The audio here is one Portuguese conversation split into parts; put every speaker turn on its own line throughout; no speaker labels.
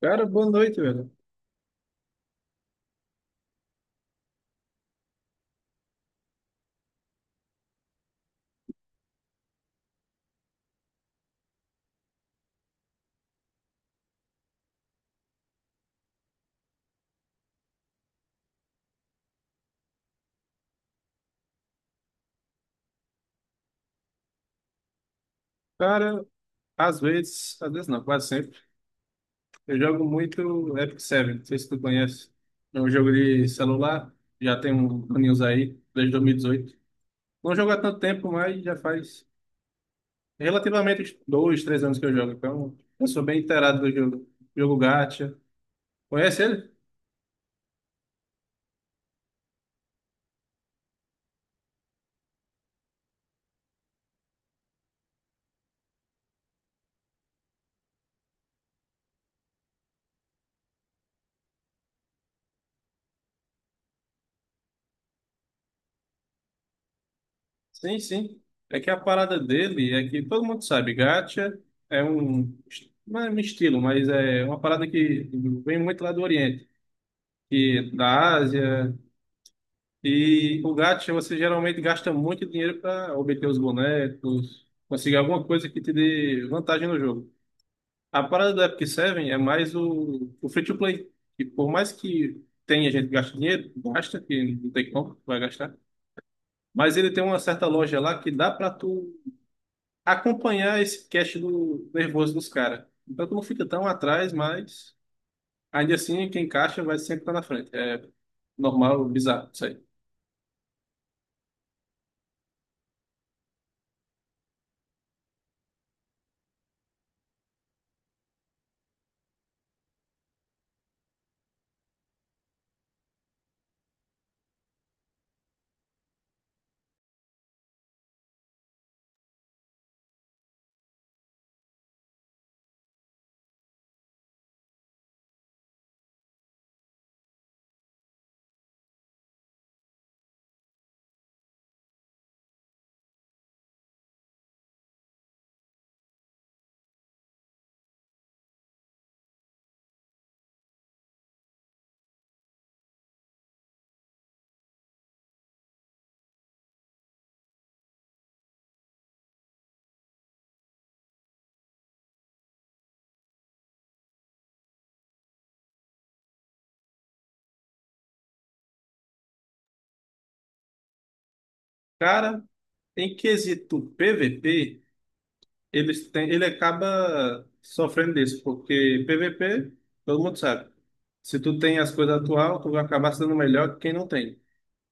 Cara, boa noite, velho. Cara, às vezes não, quase sempre, eu jogo muito Epic Seven, não sei se tu conhece. É um jogo de celular, já tem um aninhos aí, desde 2018. Não jogo há tanto tempo, mas já faz relativamente dois, três anos que eu jogo, então eu sou bem inteirado do jogo. Jogo Gacha. Conhece ele? Sim, sim. É que a parada dele é que todo mundo sabe, Gacha é um, não é um estilo, mas é uma parada que vem muito lá do Oriente e da Ásia. E o gacha, você geralmente gasta muito dinheiro para obter os bonecos, conseguir alguma coisa que te dê vantagem no jogo. A parada do Epic Seven é mais o free to play. E por mais que tenha gente que gasta dinheiro, gasta, que não tem como, vai gastar. Mas ele tem uma certa loja lá que dá para tu acompanhar esse cash do nervoso dos caras. Então tu não fica tão atrás, mas ainda assim quem caixa vai sempre estar na frente. É normal, bizarro, isso aí. Cara, em quesito PVP, eles tem ele acaba sofrendo disso, porque PVP, todo mundo sabe. Se tu tem as coisas atual, tu vai acabar sendo melhor que quem não tem.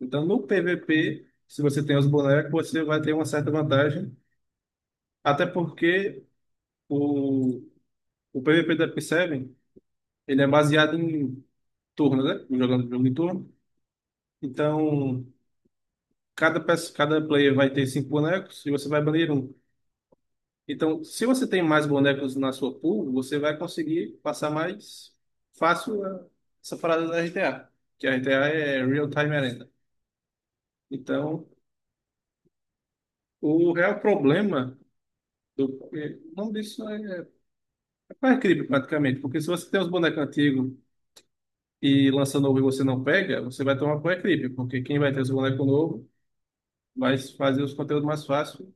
Então, no PVP, se você tem os bonecos, você vai ter uma certa vantagem, até porque o, o PVP da Epic Seven, ele é baseado em turno, né? Jogando jogo em turno. Então, cada player vai ter cinco bonecos e você vai banir um. Então, se você tem mais bonecos na sua pool, você vai conseguir passar mais fácil essa parada da RTA, que a RTA é Real Time Arena. Então, o real problema o nome disso é creep praticamente, porque se você tem os bonecos antigos e lança novo e você não pega, você vai tomar por creep, porque quem vai ter os bonecos novos vai fazer os conteúdos mais fácil.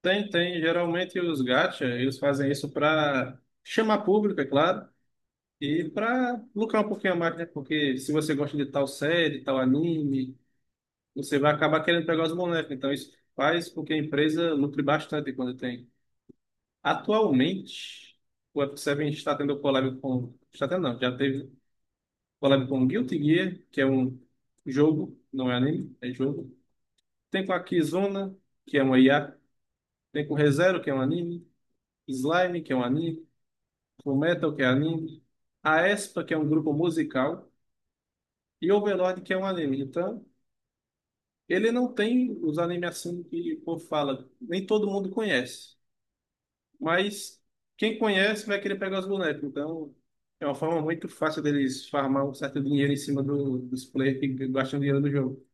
Tem, geralmente os gacha, eles fazem isso para chamar público, é claro, e para lucrar um pouquinho a mais, né? Porque se você gosta de tal série, tal anime, você vai acabar querendo pegar os bonecos. Então isso faz com que a empresa lucre bastante quando tem. Atualmente, o F7 está tendo collab com... Está tendo não, já teve collab com Guilty Gear, que é um jogo, não é anime, é jogo. Tem com a Kizuna, que é uma IA. Tem com ReZero, que é um anime. Slime, que é um anime. Com Metal, que é anime. A Aespa, que é um grupo musical. E Overlord, que é um anime. Então, ele não tem os animes assim que o povo fala, nem todo mundo conhece. Mas quem conhece vai querer pegar os bonecos. Então é uma forma muito fácil deles farmar um certo dinheiro em cima do, dos players que gastam dinheiro do jogo.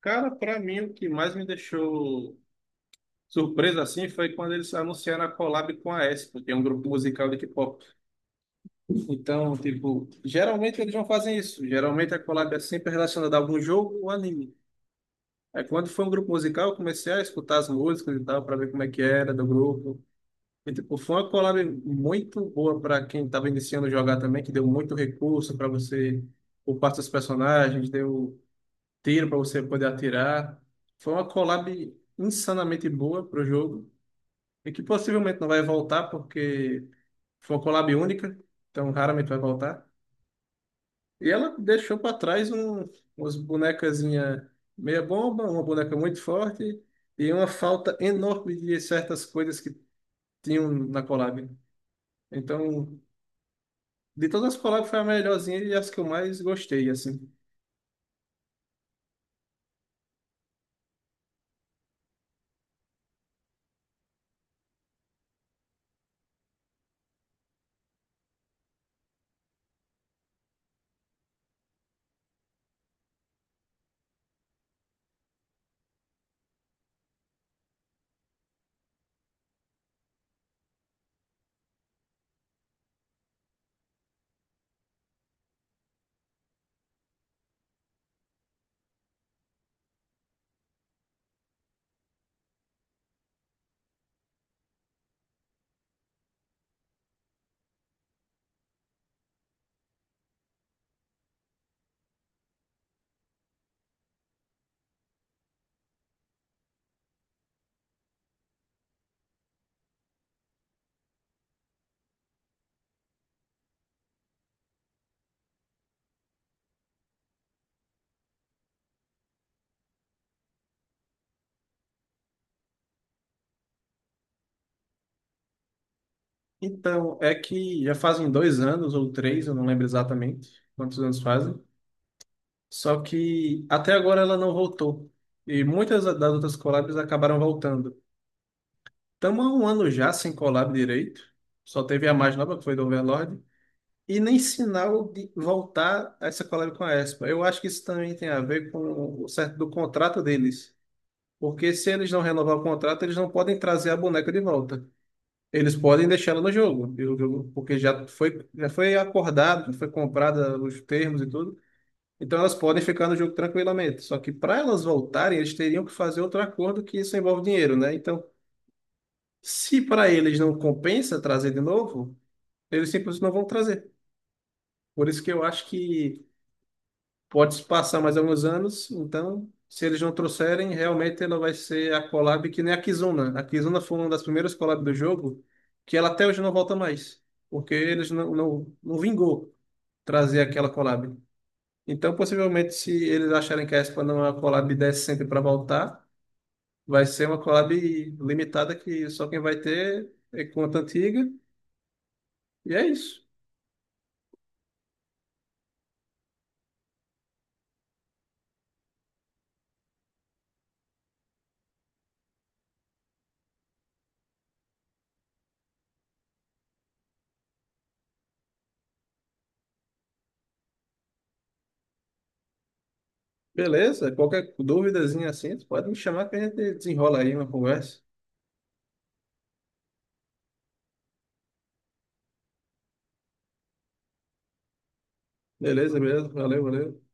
Cara, pra mim o que mais me deixou surpreso assim foi quando eles anunciaram a collab com a Espa, que é um grupo musical de K-pop. Então, tipo, geralmente eles não fazem isso. Geralmente a collab é sempre relacionada a algum jogo ou anime. É, quando foi um grupo musical, eu comecei a escutar as músicas e tal, para ver como é que era do grupo. E, tipo, foi uma collab muito boa para quem estava iniciando a jogar também, que deu muito recurso para você, por parte dos personagens, deu tiro para você poder atirar. Foi uma collab insanamente boa para o jogo, e que possivelmente não vai voltar, porque foi uma collab única, então raramente vai voltar. E ela deixou para trás um, umas bonecazinha meia bomba, uma boneca muito forte e uma falta enorme de certas coisas que tinham na collab. Então, de todas as collabs foi a melhorzinha e as que eu mais gostei, assim. Então, é que já fazem dois anos ou três, eu não lembro exatamente quantos anos fazem. Só que até agora ela não voltou. E muitas das outras collabs acabaram voltando. Estamos há um ano já sem collab direito. Só teve a mais nova, que foi do Overlord. E nem sinal de voltar a essa collab com a Espa. Eu acho que isso também tem a ver com o certo do contrato deles. Porque se eles não renovar o contrato, eles não podem trazer a boneca de volta. Eles podem deixá-la no jogo, e o jogo- porque já foi acordado, já foi comprada os termos e tudo. Então elas podem ficar no jogo tranquilamente. Só que para elas voltarem, eles teriam que fazer outro acordo que isso envolve dinheiro, né? Então, se para eles não compensa trazer de novo, eles simplesmente não vão trazer. Por isso que eu acho que pode se passar mais alguns anos, então, se eles não trouxerem, realmente ela vai ser a collab que nem a Kizuna. A Kizuna foi uma das primeiras collabs do jogo que ela até hoje não volta mais, porque eles não vingou trazer aquela collab. Então, possivelmente, se eles acharem que a Espa não é uma collab decente para voltar, vai ser uma collab limitada que só quem vai ter é conta antiga, e é isso. Beleza, qualquer duvidazinha assim, pode me chamar que a gente desenrola aí uma conversa. Beleza, beleza. Valeu, valeu.